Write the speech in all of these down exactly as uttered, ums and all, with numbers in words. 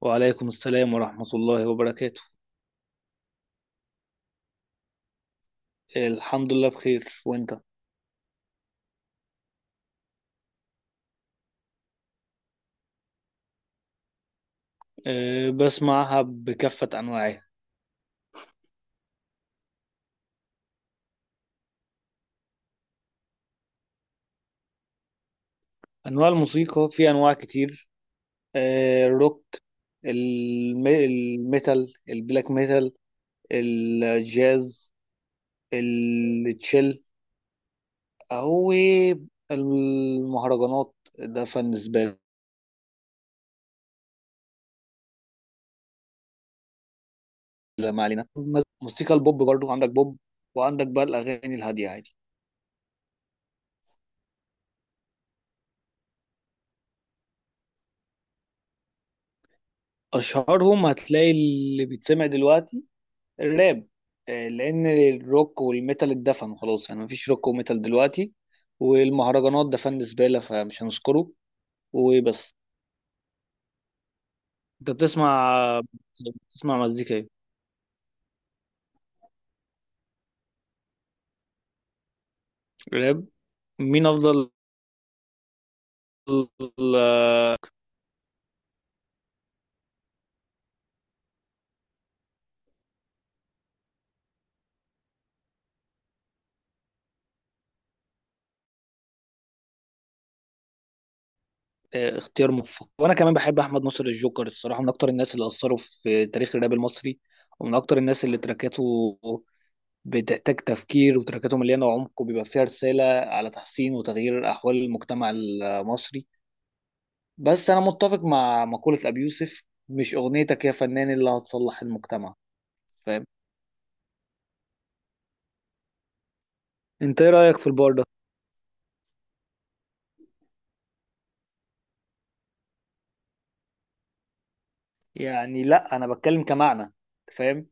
وعليكم السلام ورحمة الله وبركاته. إيه، الحمد لله بخير وانت؟ أه، بسمعها بكافة أنواعها. أنواع الموسيقى في أنواع كتير. أه الروك، الم- الميتال، البلاك ميتال، الجاز، التشيل، أو المهرجانات. ده فن. بالنسبة لي ما علينا. موسيقى البوب برضو، عندك بوب، وعندك بقى الأغاني الهادية عادي. أشهرهم هتلاقي اللي بيتسمع دلوقتي الراب. آه، لان الروك والميتال اتدفن خلاص، يعني مفيش روك وميتال دلوقتي. والمهرجانات ده فن زبالة فمش هنذكره وبس. انت بتسمع بتسمع مزيكا ايه؟ راب. مين افضل؟ آه، اختيار موفق وانا كمان بحب احمد ناصر الجوكر الصراحة، من اكتر الناس اللي اثروا في تاريخ الراب المصري، ومن اكتر الناس اللي تراكاته بتحتاج تفكير وتراكاته مليانة عمق وبيبقى فيها رسالة على تحسين وتغيير احوال المجتمع المصري. بس انا متفق مع مقولة ابي يوسف، مش اغنيتك يا فنان اللي هتصلح المجتمع، فاهم؟ انت ايه رأيك في البار ده؟ يعني لا، انا بتكلم كمعنى أنت، فاهم؟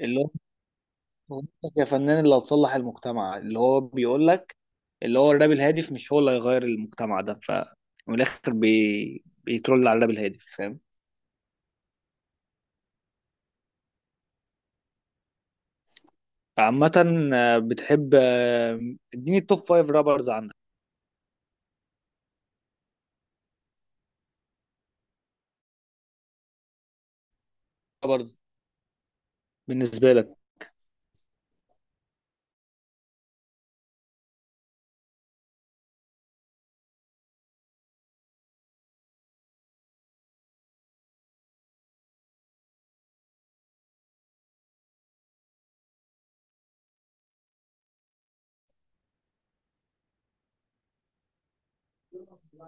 اللي هو اغنيتك يا فنان اللي هتصلح المجتمع اللي هو بيقول لك، اللي هو الراب الهادف مش هو اللي هيغير المجتمع ده. ف من الاخر بي... بيترول على الراب الهادف، فاهم؟ عامة، آه، بتحب، آه، اديني التوب فايف رابرز عندك. رابرز بالنسبة لك.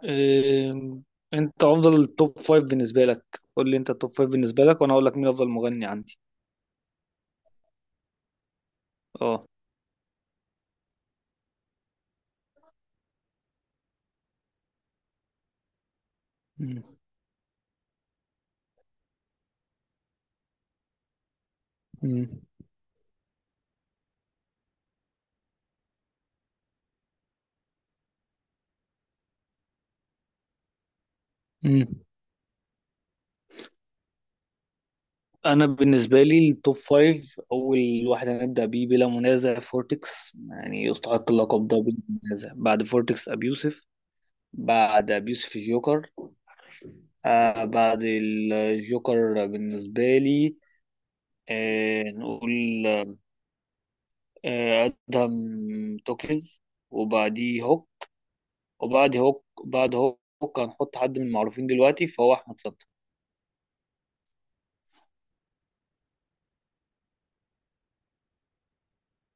إيه، انت افضل توب فايف بالنسبه لك، قول لي انت التوب فايف بالنسبه لك وانا اقول لك مين افضل مغني عندي. اه. مم. مم. مم. انا بالنسبه لي التوب فايف، اول واحد هنبدا بيه بلا منازع فورتكس، يعني يستحق اللقب ده بلا منازع. بعد فورتكس ابي يوسف، بعد ابي يوسف الجوكر. آه بعد الجوكر بالنسبه لي، آه نقول آه ادهم توكيز. وبعديه هوك، وبعد هوك بعد هوك هنحط حد من المعروفين دلوقتي فهو احمد فتحي.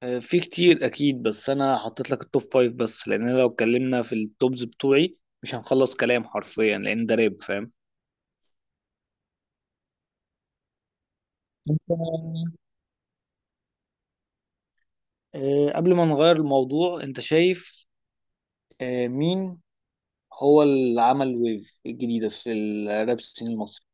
آه، في كتير اكيد، بس انا حطيت لك التوب فايف بس، لان أنا لو اتكلمنا في التوبز بتوعي مش هنخلص كلام حرفيا لان ده راب، فاهم؟ أنت- آه، قبل ما نغير الموضوع انت شايف، آه، مين هو اللي عمل ويف الجديدة في الراب سين المصري؟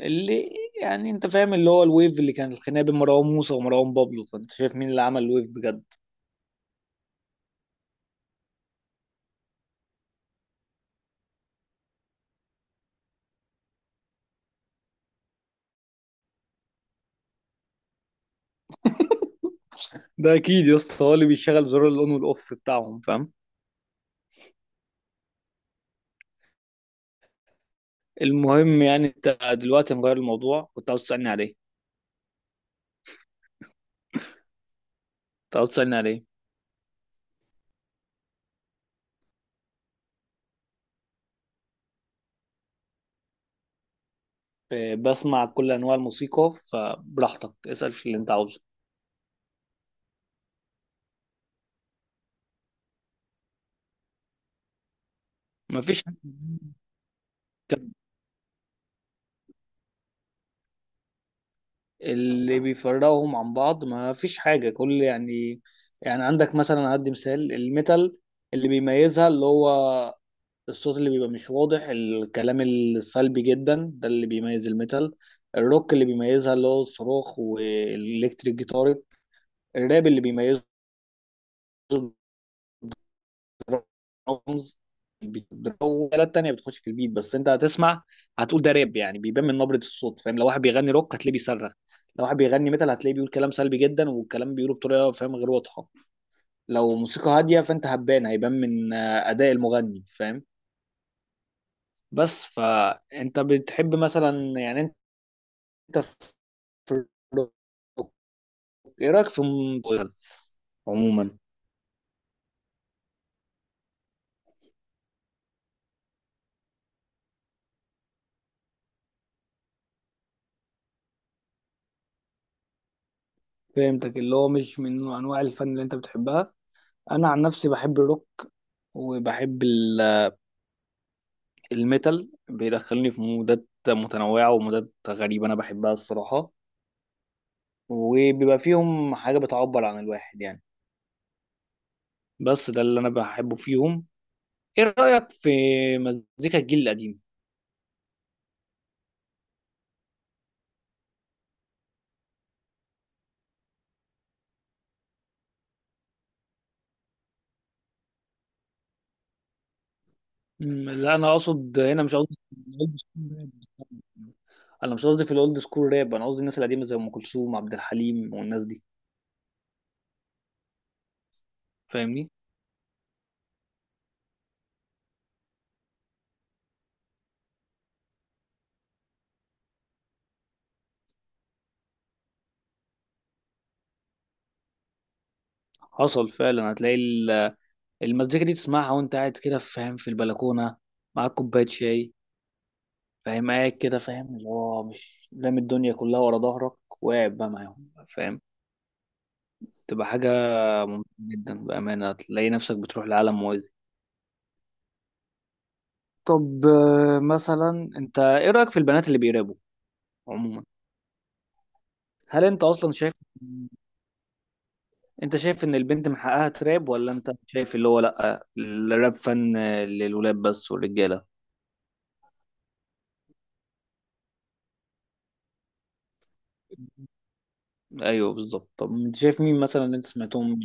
اللي يعني انت فاهم اللي هو الويف اللي كان الخناقة بين مروان موسى ومروان بابلو، فانت شايف مين اللي عمل الويف بجد؟ ده اكيد يا اسطى هو اللي بيشغل زرار الاون والاوف بتاعهم، فاهم؟ المهم، يعني انت دلوقتي مغير الموضوع كنت عاوز تسالني عليه، كنت عاوز تسالني عليه آه، بسمع كل انواع الموسيقى فبراحتك اسال في اللي انت عاوزه. مفيش حاجة كان. اللي بيفرقهم عن بعض ما فيش حاجة، كل يعني، يعني عندك مثلا هدي مثال الميتال، اللي بيميزها اللي هو الصوت اللي بيبقى مش واضح، الكلام السلبي جدا ده اللي بيميز الميتال. الروك اللي بيميزها اللي هو الصراخ والإلكتريك جيتار. الراب اللي بيميزه الدرامز، الآلة التانية بتخش في البيت، بس أنت هتسمع هتقول ده راب، يعني بيبان من نبرة الصوت، فاهم؟ لو واحد بيغني روك هتلاقيه بيصرخ. لو واحد بيغني ميتال هتلاقيه بيقول كلام سلبي جدا، والكلام بيقوله بطريقة، فاهم، غير واضحة. لو موسيقى هادية فأنت هتبان، هيبان من آه، أداء المغني، فاهم؟ بس، فانت بتحب مثلا، يعني، انت في الروك، ايه رايك في الموبايل عموما؟ فهمتك، اللي هو مش من انواع الفن اللي انت بتحبها. انا عن نفسي بحب الروك وبحب ال- الميتال، بيدخلني في مودات متنوعه ومودات غريبه انا بحبها الصراحه. وبيبقى فيهم حاجه بتعبر عن الواحد، يعني، بس ده اللي انا بحبه فيهم. ايه رايك في مزيكا الجيل القديم؟ مم، لا انا اقصد هنا مش قصدي في الاولد سكول راب، انا مش قصدي في الاولد سكول راب، انا قصدي الناس القديمه زي ام كلثوم عبد الحليم والناس دي، فاهمني؟ حصل فعلا، هتلاقي ال- المزيكا دي تسمعها وانت قاعد كده، فاهم، في البلكونه معاك كوبايه شاي، فاهم، قاعد كده، فاهم، اللي هو مش رامي الدنيا كلها ورا ظهرك وقاعد بقى معاهم، فاهم، تبقى حاجه ممتعه جدا بامانه، هتلاقي نفسك بتروح لعالم موازي. طب، آه، مثلا انت ايه رايك في البنات اللي بيرابوا عموما؟ هل انت اصلا شايف، انت شايف ان البنت من حقها تراب، ولا انت شايف اللي هو لا الراب فن للولاد بس والرجاله؟ ايوه بالظبط. طب انت شايف مين مثلا اللي انت سمعتهم؟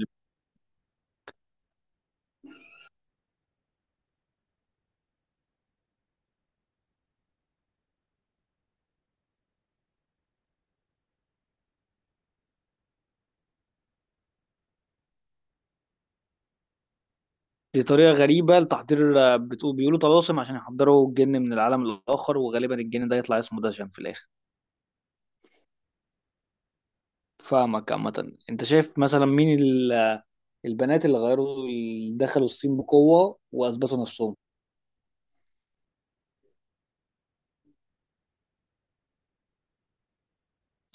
دي طريقه غريبه لتحضير الراب؟ بتقول بيقولوا طلاسم عشان يحضروا الجن من العالم الاخر، وغالبا الجن ده يطلع اسمه دشن في الاخر. فاهمك. عامه، انت شايف مثلا مين ال- البنات اللي غيروا اللي دخلوا الصين بقوه واثبتوا نفسهم؟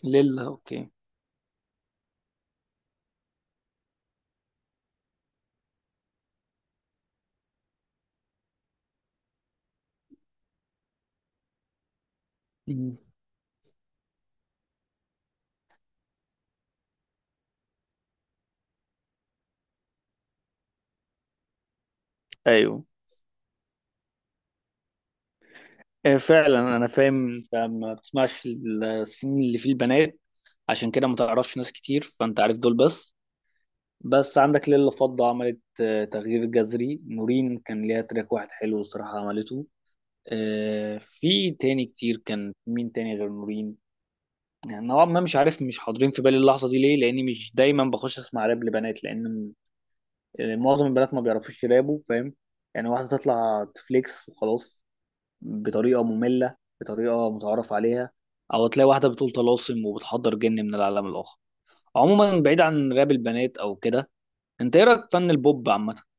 ليلا، اوكي. مم. ايوه. إيه فعلا، انا فاهم انت ما بتسمعش السنين اللي فيه البنات، عشان كده ما تعرفش ناس كتير، فانت عارف دول بس. بس عندك ليلة فضة عملت، آه، تغيير جذري، نورين كان ليها تراك واحد حلو الصراحة عملته. آه، في تاني كتير، كان مين تاني غير نورين؟ يعني نوعا ما مش عارف، مش حاضرين في بالي اللحظة دي، ليه؟ لاني مش دايما بخش اسمع راب لبنات، لان م- آه، معظم البنات ما بيعرفوش يرابوا، فاهم؟ يعني واحدة تطلع تفليكس وخلاص بطريقه ممله بطريقه متعارف عليها، او تلاقي واحده بتقول طلاسم وبتحضر جن من العالم الاخر. عموما بعيد عن راب البنات او كده، انت ايه رايك في فن البوب عامه؟